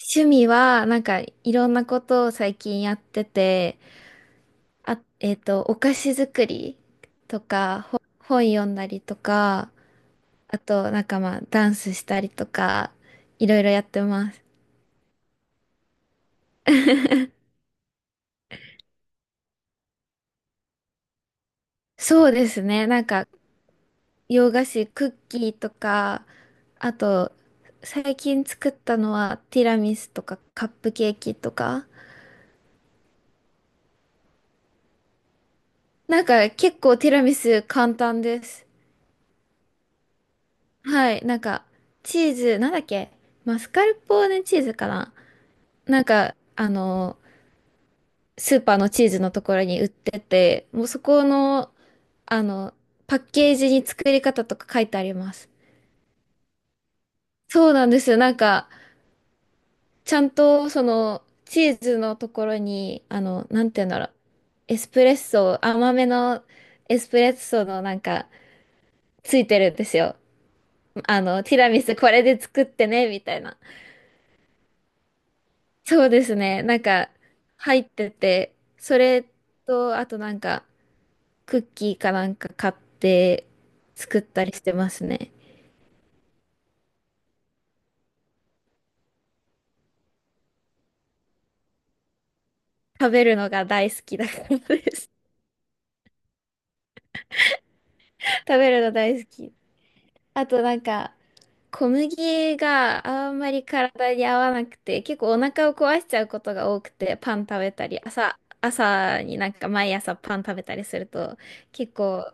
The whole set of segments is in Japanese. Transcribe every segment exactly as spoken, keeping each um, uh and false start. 趣味は、なんか、いろんなことを最近やってて、あ、えっと、お菓子作りとか、ほ本読んだりとか、あと、なんかまあ、ダンスしたりとか、いろいろやってます。そうですね。なんか、洋菓子、クッキーとか、あと、最近作ったのは、ティラミスとか、カップケーキとか、なんか、結構ティラミス簡単です。はい、なんか、チーズ、なんだっけ。マスカルポーネチーズかな。なんか、あの、スーパーのチーズのところに売ってて、もうそこの、あの、パッケージに作り方とか書いてあります。そうなんですよ。なんか、ちゃんと、その、チーズのところに、あの、なんて言うんだろう。エスプレッソ、甘めのエスプレッソのなんか、ついてるんですよ。あの、ティラミスこれで作ってね、みたいな。そうですね。なんか、入ってて、それと、あとなんか、クッキーかなんか買って作ったりしてますね。食べるのが大好きだからです。食べるの大好き。あとなんか、小麦があんまり体に合わなくて、結構お腹を壊しちゃうことが多くて、パン食べたり、朝、朝になんか毎朝パン食べたりすると、結構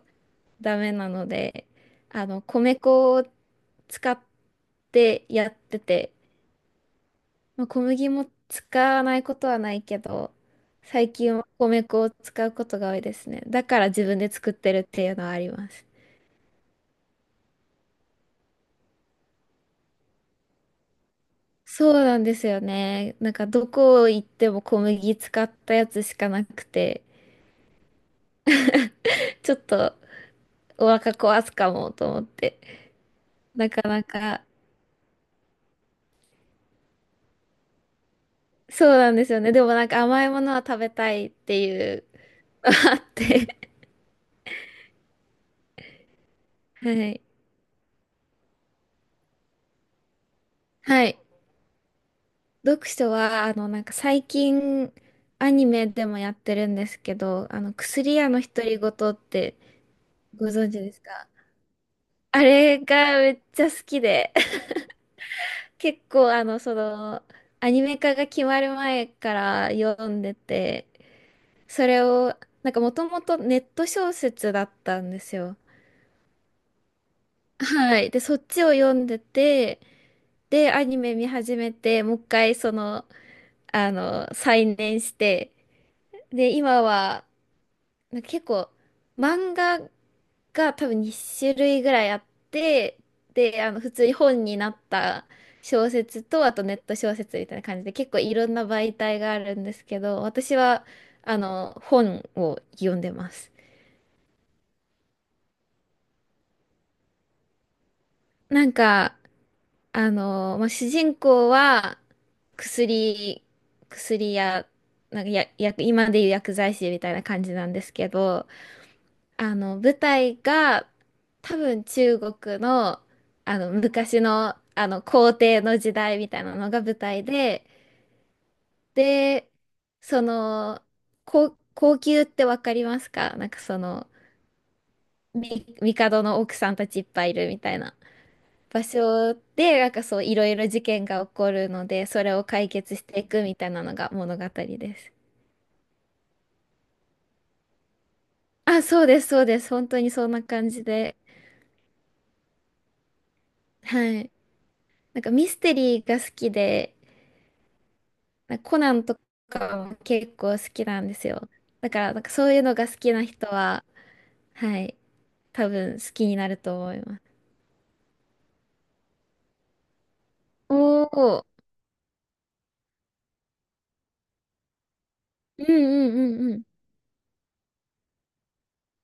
ダメなので、あの、米粉を使ってやってて、まあ、小麦も使わないことはないけど、最近は米粉を使うことが多いですね。だから自分で作ってるっていうのはあります。そうなんですよね。なんかどこ行っても小麦使ったやつしかなくて、ちょっとお腹壊すかもと思って。なかなか、そうなんですよね。でもなんか甘いものは食べたいっていうのがあって。はい。はい。読書は、あの、なんか最近、アニメでもやってるんですけど、あの、薬屋の独り言って、ご存知ですか？あれがめっちゃ好きで、結構、あの、その、アニメ化が決まる前から読んでて、それを、なんかもともとネット小説だったんですよ。はい。で、そっちを読んでて、で、アニメ見始めて、もう一回、その、あの、再燃して、で、今は、なんか結構、漫画が多分に種類ぐらいあって、で、あの、普通に本になった小説と、あとネット小説みたいな感じで、結構いろんな媒体があるんですけど、私は、あの、本を読んでます。なんか、あの、まあ、主人公は、薬、薬や、なんかや、薬今でいう薬剤師みたいな感じなんですけど、あの、舞台が多分中国の、あの、昔の、あの、皇帝の時代みたいなのが舞台で、で、その、こ皇宮ってわかりますか？なんかその、み、帝の奥さんたちいっぱいいるみたいな場所で、なんかそう、いろいろ事件が起こるので、それを解決していくみたいなのが物語です。あ、そうです、そうです。本当にそんな感じで。はい。なんかミステリーが好きで、なんかコナンとかも結構好きなんですよ。だから、なんかそういうのが好きな人は、はい、多分好きになると思います。おお、うんうんうんうん。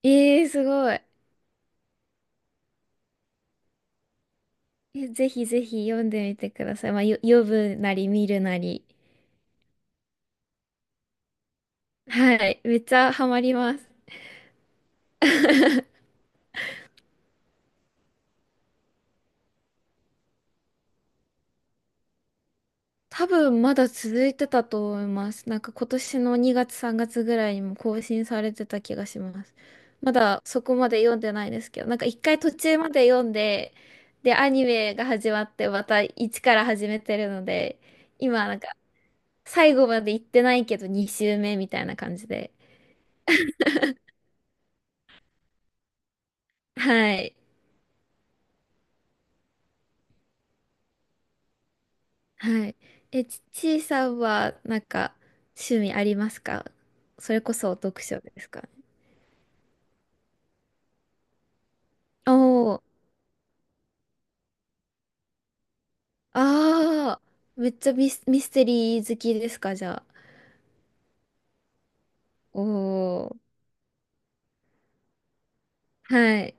えー、すごい。え、ぜひぜひ読んでみてください。まあ、よ、読むなり見るなり。はい、めっちゃハマります。多分まだ続いてたと思います。なんか今年のにがつさんがつぐらいにも更新されてた気がします。まだそこまで読んでないですけど、なんか一回途中まで読んで、で、アニメが始まってまた一から始めてるので、今なんか最後まで行ってないけどにしゅうめ週目みたいな感じで。はい。はい。え、ち、ちいさんはなんか趣味ありますか？それこそ読書ですか？おおー。ああ、めっちゃミス、ミステリー好きですか、じゃあ。おー。はい。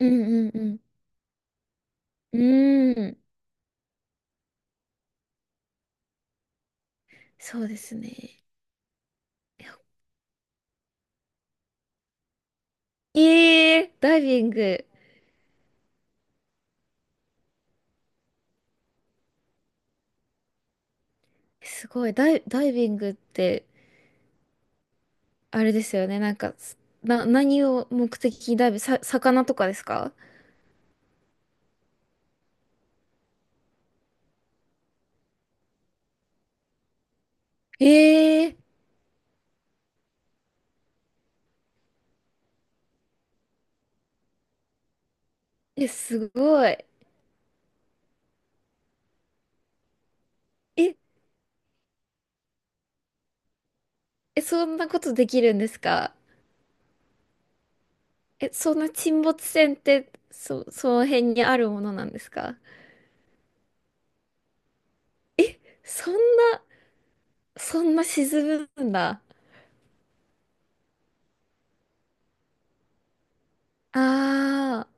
うんうんうん。うーん。そうですね。ええー、ダイビング。すごい。ダイ、ダイビングって、あれですよね。なんか、な、何を目的にダイビング、さ、魚とかですか？ええー、え、すごい。え、え、そんなことできるんですか？え、そんな沈没船って、そ、その辺にあるものなんですか？え、そんな。そんな沈むんだ。ああ、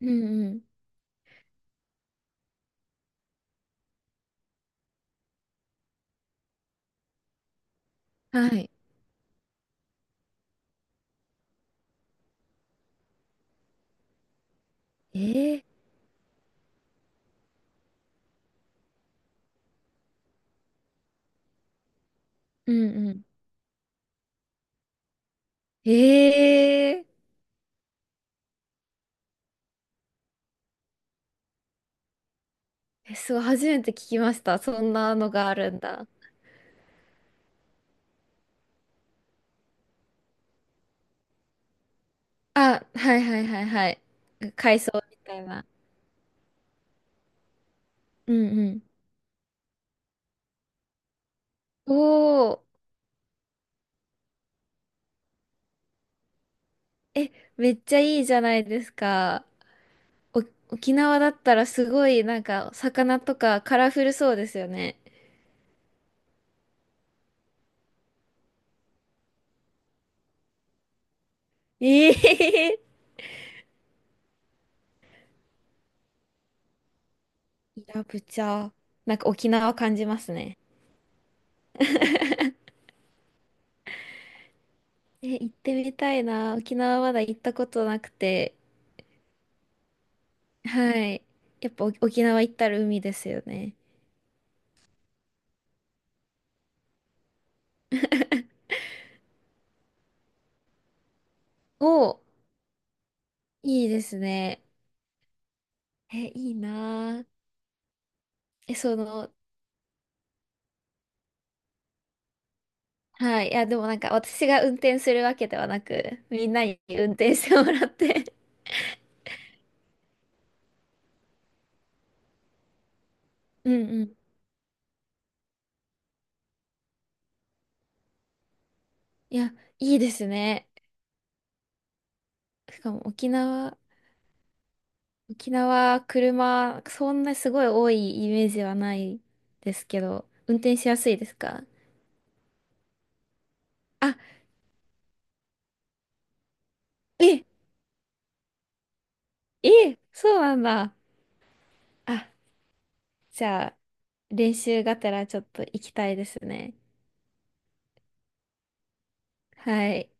うんうん。はい。ええ、うんうん。え、え、え、そう、初めて聞きました。そんなのがあるんだ。あ、はいはいはいはい。海藻みたいな。うんうん。おお、え、めっちゃいいじゃないですか。お、沖縄だったらすごい、なんか、魚とかカラフルそうですよね。ええ、イラブチャー。なんか沖縄感じますね。え、行ってみたいな。沖縄まだ行ったことなくて。はい。やっぱお沖縄行ったら海ですよね。お、いいですね。え、いいなあ。え、その、はい。いや、でもなんか私が運転するわけではなく、みんなに運転してもらって。うんうん。いや、いいですね。しかも沖縄、沖縄、車、そんなすごい多いイメージはないですけど、運転しやすいですか？あ、え、え、そうなんだ。あ、じゃあ、練習がてらちょっと行きたいですね。はい。